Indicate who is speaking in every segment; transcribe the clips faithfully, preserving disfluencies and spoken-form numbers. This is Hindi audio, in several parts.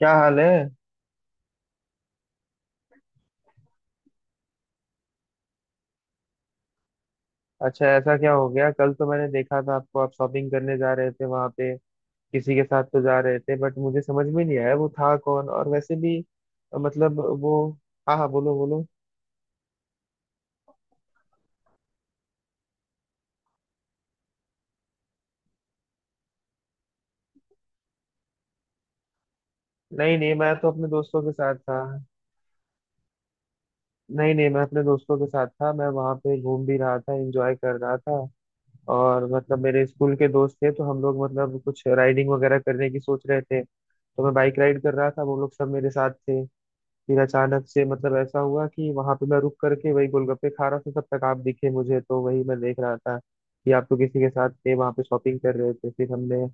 Speaker 1: क्या हाल है? अच्छा, ऐसा क्या हो गया? कल तो मैंने देखा था आपको, आप शॉपिंग करने जा रहे थे वहां पे। किसी के साथ तो जा रहे थे बट मुझे समझ में नहीं आया वो था कौन। और वैसे भी अ, मतलब वो। हाँ हाँ, बोलो बोलो। नहीं नहीं, मैं तो अपने दोस्तों के साथ था। नहीं नहीं, मैं अपने दोस्तों के साथ था, मैं वहां पे घूम भी रहा था, एंजॉय कर रहा था। और मतलब मेरे स्कूल के दोस्त थे तो हम लोग मतलब कुछ राइडिंग वगैरह करने की सोच रहे थे। तो मैं बाइक राइड कर रहा था, वो लोग सब मेरे साथ थे। फिर अचानक से मतलब ऐसा हुआ कि वहां पे मैं रुक करके वही गोलगप्पे खा रहा था, तब तक आप दिखे मुझे। तो वही मैं देख रहा था कि आप तो किसी के साथ थे, वहां पे शॉपिंग कर रहे थे। फिर हमने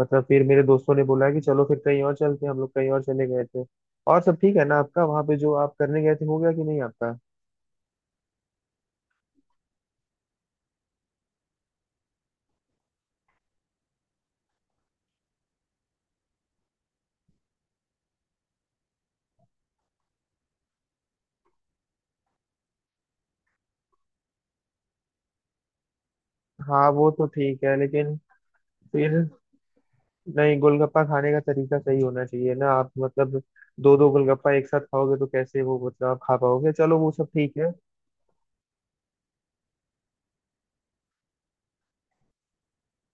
Speaker 1: मतलब फिर मेरे दोस्तों ने बोला कि चलो फिर कहीं और चलते हैं, हम लोग कहीं और चले गए थे। और सब ठीक है ना आपका? वहां पे जो आप करने गए थे हो गया कि नहीं आपका? हाँ, वो तो ठीक है लेकिन फिर। नहीं, गोलगप्पा खाने का तरीका सही होना चाहिए ना। आप मतलब दो दो गोलगप्पा एक साथ खाओगे तो कैसे वो मतलब आप खा पाओगे? चलो वो सब ठीक है।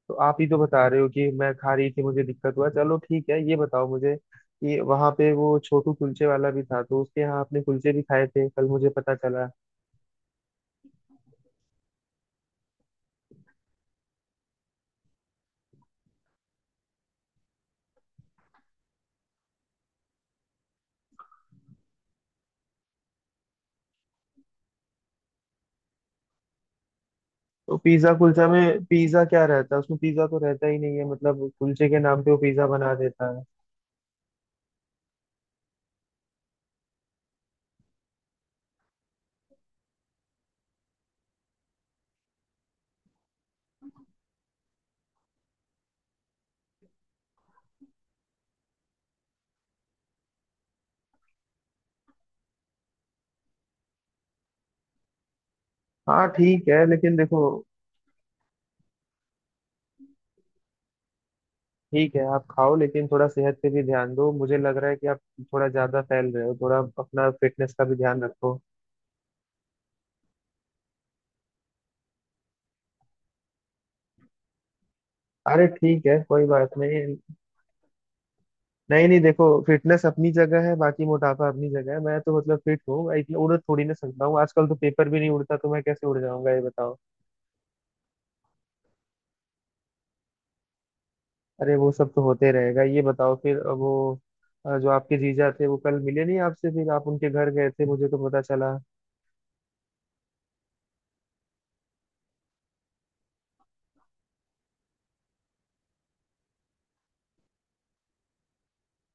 Speaker 1: तो आप ही तो बता रहे हो कि मैं खा रही थी मुझे दिक्कत हुआ। चलो ठीक है, ये बताओ मुझे कि वहां पे वो छोटू कुलचे वाला भी था, तो उसके यहाँ आपने कुलचे भी खाए थे कल, मुझे पता चला। तो पिज्जा कुलचा में पिज्जा क्या रहता है? उसमें पिज्जा तो रहता ही नहीं है, मतलब कुलचे के नाम पे वो पिज्जा बना देता है। हाँ ठीक है लेकिन देखो, ठीक है आप खाओ लेकिन थोड़ा सेहत पे भी ध्यान दो। मुझे लग रहा है कि आप थोड़ा ज्यादा फैल रहे हो, थोड़ा अपना फिटनेस का भी ध्यान रखो। अरे ठीक है कोई बात नहीं। नहीं नहीं, देखो, फिटनेस अपनी जगह है, बाकी मोटापा अपनी जगह है। मैं तो मतलब फिट हूँ, मैं इतना उड़ थोड़ी ना सकता हूँ। आजकल तो पेपर भी नहीं उड़ता तो मैं कैसे उड़ जाऊंगा ये बताओ। अरे वो सब तो होते रहेगा, ये बताओ फिर। अब वो अ, जो आपके जीजा थे वो कल मिले नहीं आपसे? फिर आप उनके घर गए थे मुझे तो पता चला।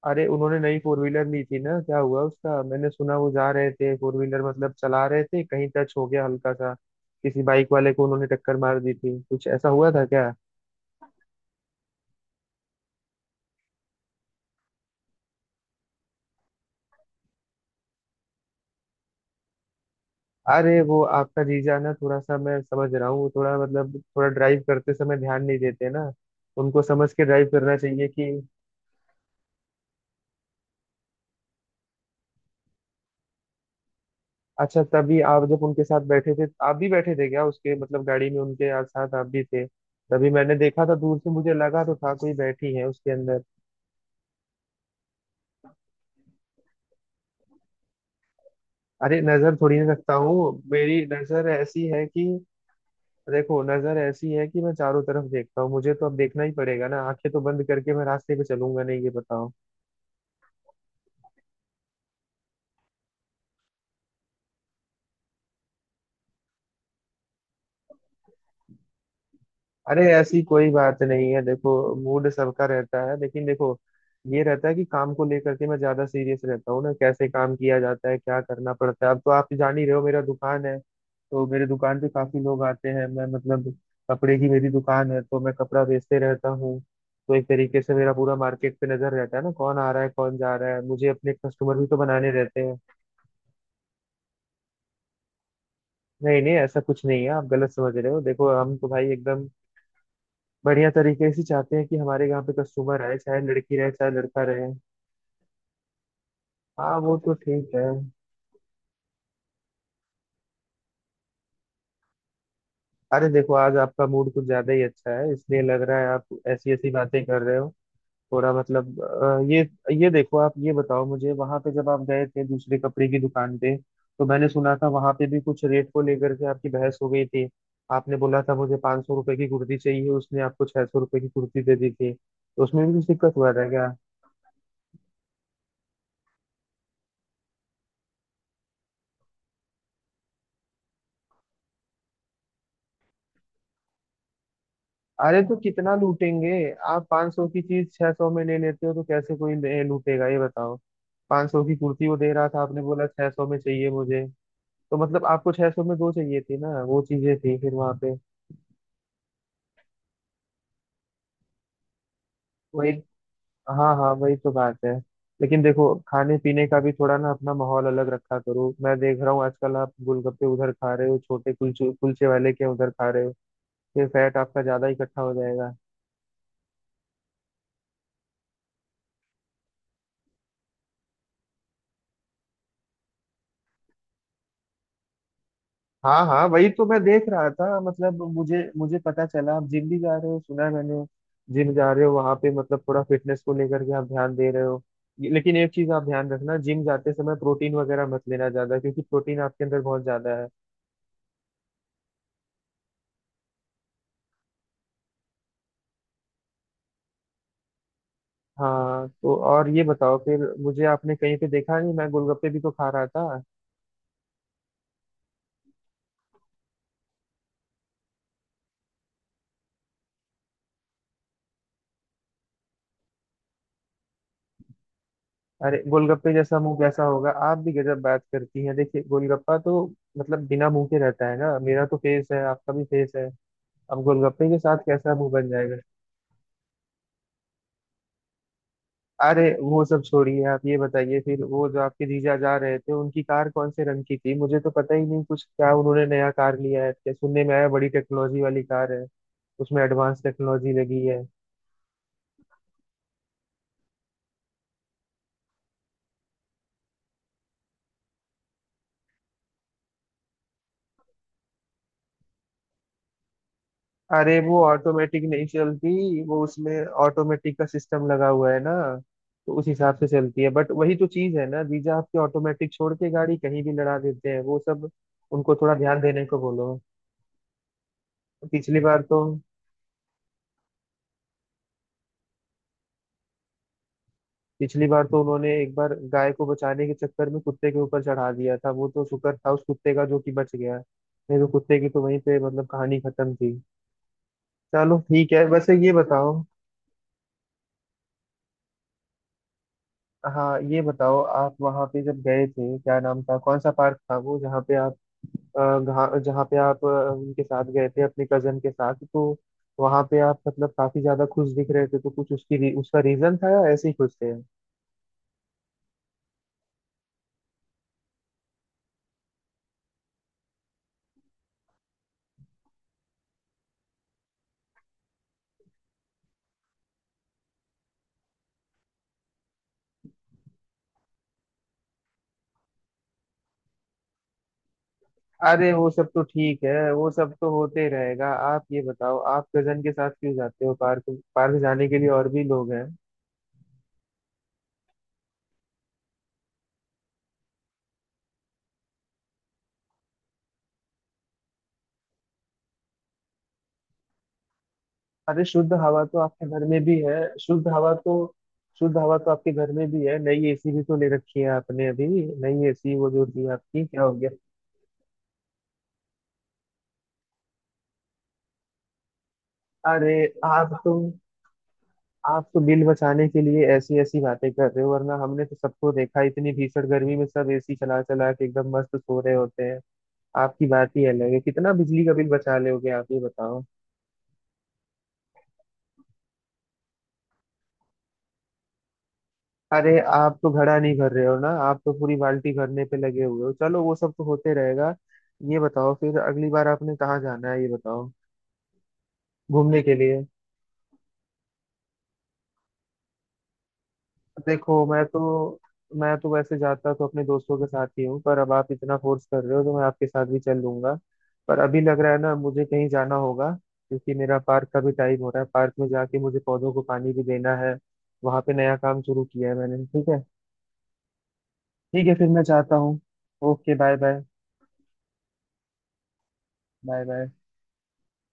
Speaker 1: अरे उन्होंने नई फोर व्हीलर ली थी ना, क्या हुआ उसका? मैंने सुना वो जा रहे थे फोर व्हीलर मतलब चला रहे थे, कहीं टच हो गया हल्का सा। किसी बाइक वाले को उन्होंने टक्कर मार दी थी, कुछ ऐसा हुआ था क्या? अरे वो आपका जीजा ना थोड़ा सा, मैं समझ रहा हूँ, वो थोड़ा मतलब थोड़ा ड्राइव करते समय ध्यान नहीं देते ना। उनको समझ के ड्राइव करना चाहिए कि। अच्छा तभी आप जब उनके साथ बैठे थे, आप भी बैठे थे क्या उसके मतलब गाड़ी में उनके आ- साथ आप भी थे? तभी मैंने देखा था दूर से, मुझे लगा तो था कोई बैठी है उसके अंदर। अरे नजर थोड़ी ना रखता हूँ, मेरी नजर ऐसी है कि देखो, नजर ऐसी है कि मैं चारों तरफ देखता हूँ। मुझे तो अब देखना ही पड़ेगा ना, आंखें तो बंद करके मैं रास्ते पे चलूंगा नहीं, ये बताओ। अरे ऐसी कोई बात नहीं है, देखो, मूड सबका रहता है लेकिन देखो, ये रहता है कि काम को लेकर के मैं ज्यादा सीरियस रहता हूँ ना, कैसे काम किया जाता है, क्या करना पड़ता है। अब तो आप जान ही रहे हो, मेरा दुकान है तो मेरे दुकान पे काफी लोग आते हैं, मैं मतलब कपड़े की मेरी दुकान है तो मैं कपड़ा बेचते रहता हूँ। तो एक तरीके से मेरा पूरा मार्केट पे नजर रहता है ना, कौन आ रहा है कौन जा रहा है, मुझे अपने कस्टमर भी तो बनाने रहते हैं। नहीं नहीं, ऐसा कुछ नहीं है, आप गलत समझ रहे हो। देखो हम तो भाई एकदम बढ़िया तरीके से चाहते हैं कि हमारे यहाँ पे कस्टमर आए, चाहे लड़की रहे चाहे लड़का रहे। हाँ वो तो ठीक है। अरे देखो आज आपका मूड कुछ ज्यादा ही अच्छा है, इसलिए लग रहा है आप ऐसी ऐसी बातें कर रहे हो। थोड़ा मतलब अ, ये ये देखो आप, ये बताओ मुझे वहां पे जब आप गए थे दूसरे कपड़े की दुकान पे, तो मैंने सुना था वहां पे भी कुछ रेट को लेकर के आपकी बहस हो गई थी। आपने बोला था मुझे पाँच सौ रुपए की कुर्ती चाहिए, उसने आपको छह सौ रुपए की कुर्ती दे दी थी तो उसमें भी कुछ दिक्कत हुआ था क्या? अरे तो कितना लूटेंगे? आप 500 सौ की चीज 600 सौ में ले लेते हो तो कैसे कोई ले- लूटेगा ये बताओ? 500 सौ की कुर्ती वो दे रहा था, आपने बोला 600 सौ में चाहिए मुझे। तो मतलब आपको 600 सौ में दो चाहिए थी ना वो चीजें थी फिर वहां पे वही। हाँ हाँ वही तो बात है। लेकिन देखो खाने पीने का भी थोड़ा ना अपना माहौल अलग रखा करो। मैं देख रहा हूँ आजकल आप गोलगप्पे उधर खा रहे हो, छोटे कुलचे कुलचे वाले के उधर खा रहे हो, फिर फैट आपका ज्यादा इकट्ठा हो जाएगा। हाँ हाँ वही तो मैं देख रहा था, मतलब मुझे मुझे पता चला आप जिम भी जा रहे हो, सुना है मैंने। जिम जा रहे हो वहां पे मतलब थोड़ा फिटनेस को लेकर के आप ध्यान दे रहे हो। ये- लेकिन एक चीज आप ध्यान रखना जिम जाते समय प्रोटीन वगैरह मत लेना ज्यादा, क्योंकि प्रोटीन आपके अंदर बहुत ज्यादा है। हाँ तो और ये बताओ फिर मुझे आपने कहीं पे देखा नहीं, मैं गोलगप्पे भी तो खा रहा था। अरे गोलगप्पे जैसा मुंह कैसा होगा? आप भी गजब बात करती हैं, देखिए गोलगप्पा तो मतलब बिना मुंह के रहता है ना, मेरा तो फेस है आपका भी फेस है, अब गोलगप्पे के साथ कैसा मुंह बन जाएगा? अरे वो सब छोड़िए, आप ये बताइए फिर वो जो आपके जीजा जा रहे थे उनकी कार कौन से रंग की थी? मुझे तो पता ही नहीं कुछ, क्या उन्होंने नया कार लिया है क्या? सुनने में आया बड़ी टेक्नोलॉजी वाली कार है, उसमें एडवांस टेक्नोलॉजी लगी है। अरे वो ऑटोमेटिक नहीं चलती, वो उसमें ऑटोमेटिक का सिस्टम लगा हुआ है ना, तो उस हिसाब से चलती है। बट वही तो चीज है ना, जीजा आपकी ऑटोमेटिक छोड़ के गाड़ी कहीं भी लड़ा देते हैं वो सब। उनको थोड़ा ध्यान देने को बोलो। पिछली बार तो पिछली बार तो उन्होंने एक बार गाय को बचाने के चक्कर में कुत्ते के ऊपर चढ़ा दिया था, वो तो शुक्र था उस कुत्ते का जो कि बच गया, नहीं तो कुत्ते की तो वहीं पे मतलब कहानी खत्म थी। चलो ठीक है वैसे, ये बताओ। हाँ ये बताओ, आप वहाँ पे जब गए थे, क्या नाम था कौन सा पार्क था वो जहाँ पे आप अ, घा- जहाँ पे आप अ, उनके साथ गए थे अपने कजन के साथ, तो वहाँ पे आप मतलब काफी ज्यादा खुश दिख रहे थे, तो कुछ उसकी री- उसका रीजन था या ऐसे ही खुश थे? अरे वो सब तो ठीक है, वो सब तो होते ही रहेगा। आप ये बताओ आप कजन के साथ क्यों जाते हो पार्क? पार्क जाने के लिए और भी लोग हैं। अरे शुद्ध हवा तो आपके घर में भी है। शुद्ध हवा तो शुद्ध हवा तो आपके घर में भी है, नई एसी भी तो ले रखी है आपने अभी। नई एसी वो जो थी आपकी क्या हो गया? अरे आप तो आप तो बिल बचाने के लिए ऐसी ऐसी बातें कर रहे हो, वरना हमने तो सबको देखा इतनी भीषण गर्मी में सब एसी चला चला के एकदम मस्त सो रहे होते हैं। आपकी बात ही अलग है, कितना बिजली का बिल बचा लोगे आप ये बताओ। अरे आप तो घड़ा नहीं भर रहे हो ना, आप तो पूरी बाल्टी भरने पे लगे हुए हो। चलो वो सब तो होते रहेगा, ये बताओ फिर अगली बार आपने कहाँ जाना है ये बताओ? घूमने के लिए। देखो मैं तो मैं तो वैसे जाता तो अपने दोस्तों के साथ ही हूँ, पर अब आप इतना फोर्स कर रहे हो तो मैं आपके साथ भी चल लूंगा। पर अभी लग रहा है ना मुझे कहीं जाना होगा, क्योंकि मेरा पार्क का भी टाइम हो रहा है, पार्क में जाके मुझे पौधों को पानी भी देना है, वहां पे नया काम शुरू किया है मैंने। ठीक है, ठीक है फिर मैं जाता हूँ। Okay bye bye. Bye bye.